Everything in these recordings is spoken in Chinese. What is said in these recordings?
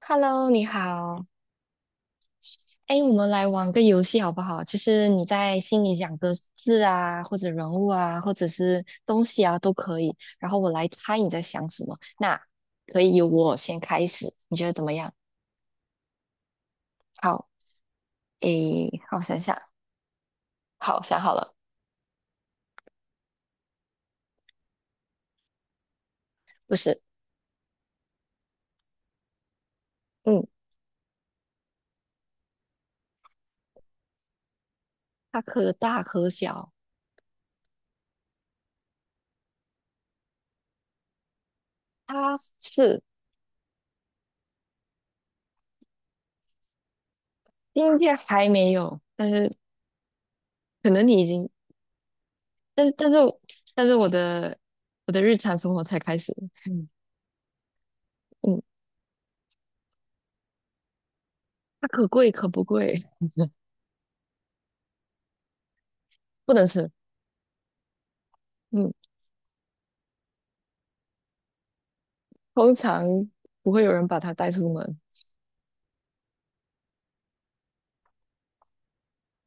Hello，你好。哎，我们来玩个游戏好不好？就是你在心里想个字啊，或者人物啊，或者是东西啊，都可以。然后我来猜你在想什么。那可以由我先开始，你觉得怎么样？好，哎，让我想想。好，想好了。不是，嗯，它可大可小，它是今天还没有，但是可能你已经，但是但是但是我的日常生活才开始。嗯嗯，它可贵可不贵，不能吃。嗯，通常不会有人把它带出门。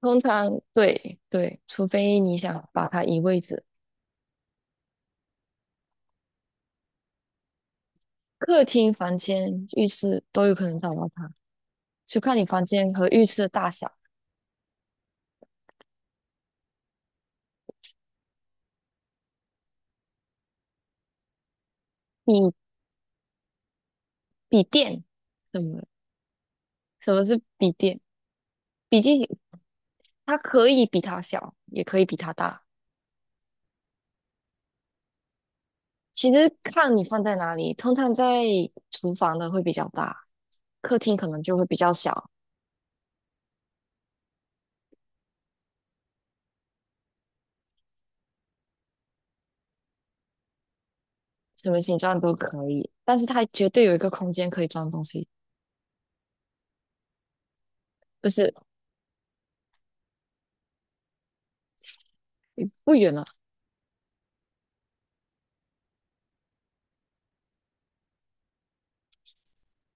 通常对对，除非你想把它移位置，客厅、房间、浴室都有可能找到它，就看你房间和浴室的大小。你笔电，什么什么是笔电？笔记它可以比它小，也可以比它大。其实看你放在哪里，通常在厨房的会比较大，客厅可能就会比较小，什么形状都可以，但是它绝对有一个空间可以装东西，不是。不远了，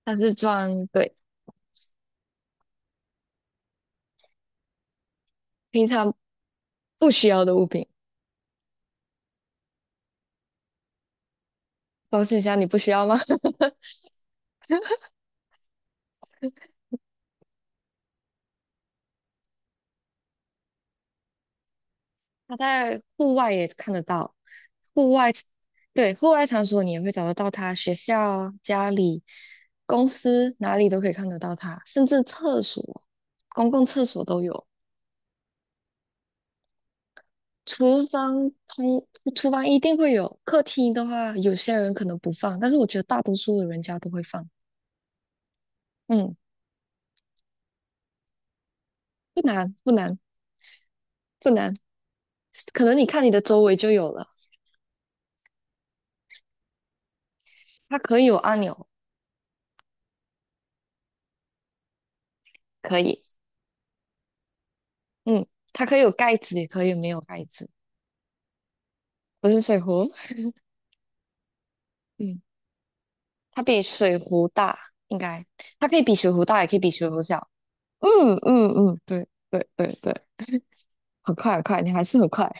它是装对，平常不需要的物品。保险箱你不需要吗？它在户外也看得到，户外对，户外场所你也会找得到它，学校啊家里、公司哪里都可以看得到它，甚至厕所、公共厕所都有。厨房通，厨房一定会有，客厅的话，有些人可能不放，但是我觉得大多数的人家都会放。嗯，不难，不难，不难，可能你看你的周围就有了。它可以有按钮，可以，嗯，它可以有盖子，也可以没有盖子。不是水壶，嗯，它比水壶大，应该，它可以比水壶大，也可以比水壶小。嗯嗯嗯，对对对对，很快很快，你还是很快。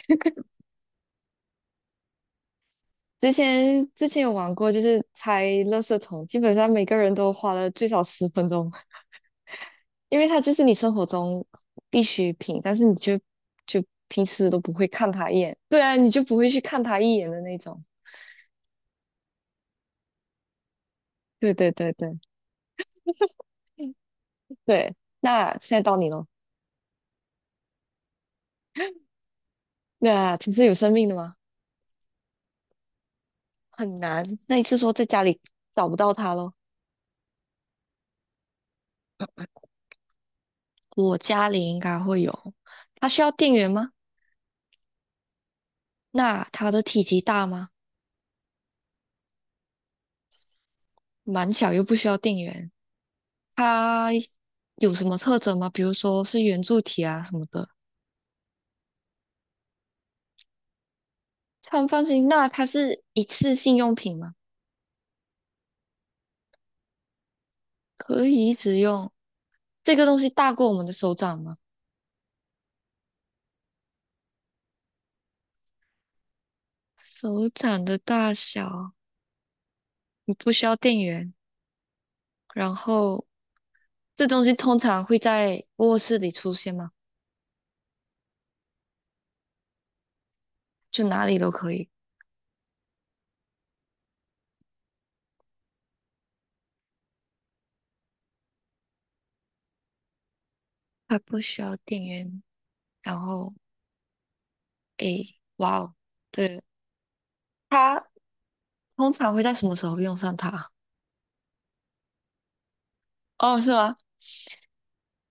之前有玩过，就是拆垃圾桶，基本上每个人都花了最少10分钟。因为它就是你生活中必需品，但是你就平时都不会看它一眼，对啊，你就不会去看它一眼的那种。对对对对对，那现在到你咯。那它是有生命的吗？很难。那你是说在家里找不到它咯？我家里应该会有，它需要电源吗？那它的体积大吗？蛮小又不需要电源。它有什么特征吗？比如说是圆柱体啊什么的。它很放心。那它是一次性用品吗？可以一直用。这个东西大过我们的手掌吗？手掌的大小，你不需要电源。然后这东西通常会在卧室里出现吗？就哪里都可以，它不需要电源。然后，诶，哇哦，对，它通常会在什么时候用上它？哦，是吗？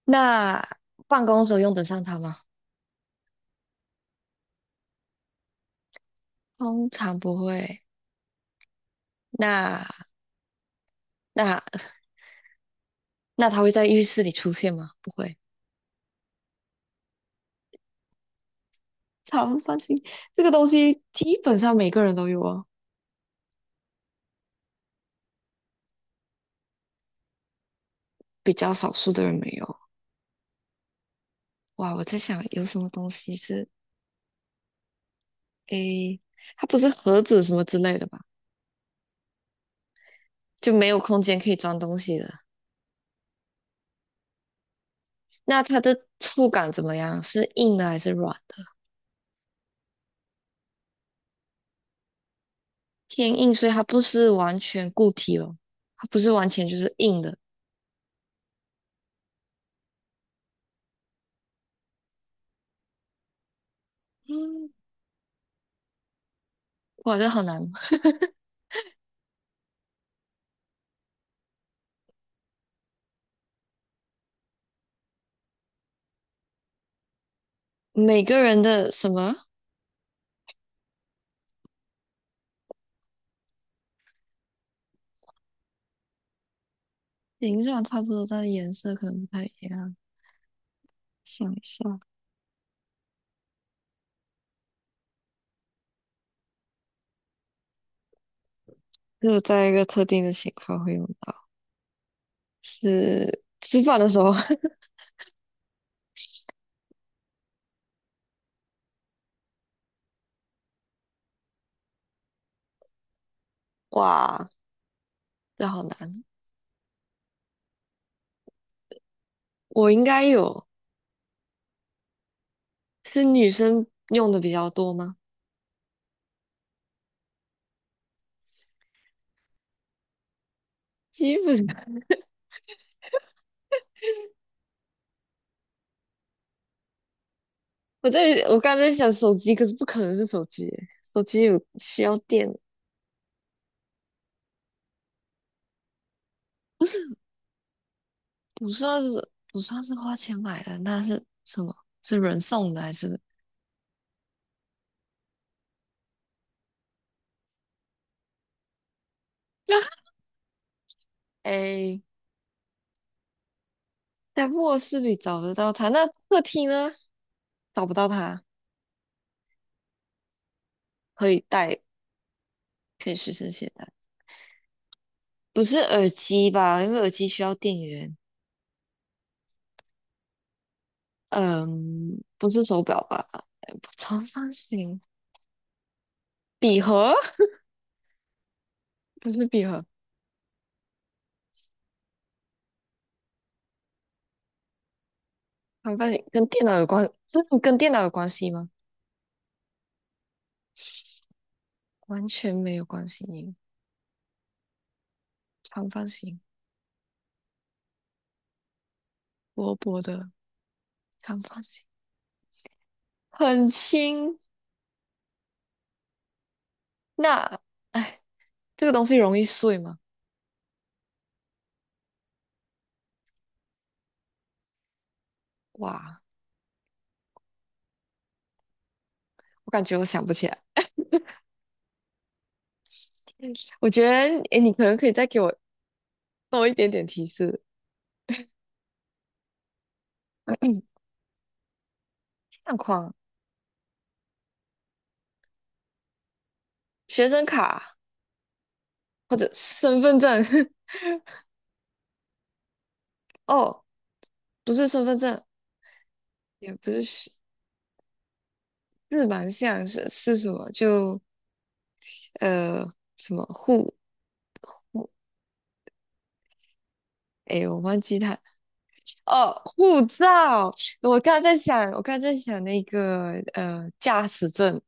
那办公时候用得上它吗？通常不会。那那 那它会在浴室里出现吗？不会。长方形这个东西基本上每个人都有哦，比较少数的人没有。哇，我在想有什么东西是诶，它不是盒子什么之类的吧？就没有空间可以装东西的。那它的触感怎么样？是硬的还是软的？偏硬，所以它不是完全固体哦，它不是完全就是硬的。嗯，哇，这好难。每个人的什么形状差不多，但是颜色可能不太一样。想一下，只有在一个特定的情况会用到。是吃饭的时候，哇，这好难。我应该有，是女生用的比较多吗？基本上 我在我刚才在想手机，可是不可能是手机手机有需要电，不是。不算是花钱买的，那是什么？是人送的还是？哎，在卧室里找得到它，那客厅呢？找不到它，可以带，可以随身携带。不是耳机吧？因为耳机需要电源。嗯，不是手表吧？哎，不长方形，笔盒不是笔盒，长方形跟电脑有关，嗯跟电脑有关系吗？完全没有关系。长方形，薄薄的长方形，很轻。那，哎，这个东西容易碎吗？哇，我感觉我想不起来。嗯我觉得，哎，你可能可以再给我多一点点提示。相框、学生卡或者身份证。哦，不是身份证，也不是，日蛮像是什么？就呃什么护，哎，我忘记它哦，护照。我刚才在想，那个驾驶证。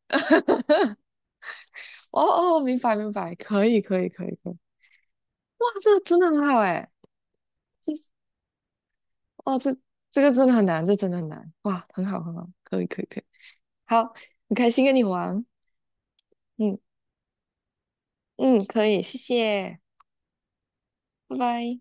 哦哦，明白明白，可以可以可以可以。哇，这个真的很好哎，这哦，这个真的很难，这真的很难。哇，很好很好，可以可以可以。好，很开心跟你玩。嗯嗯，可以，谢谢，拜拜。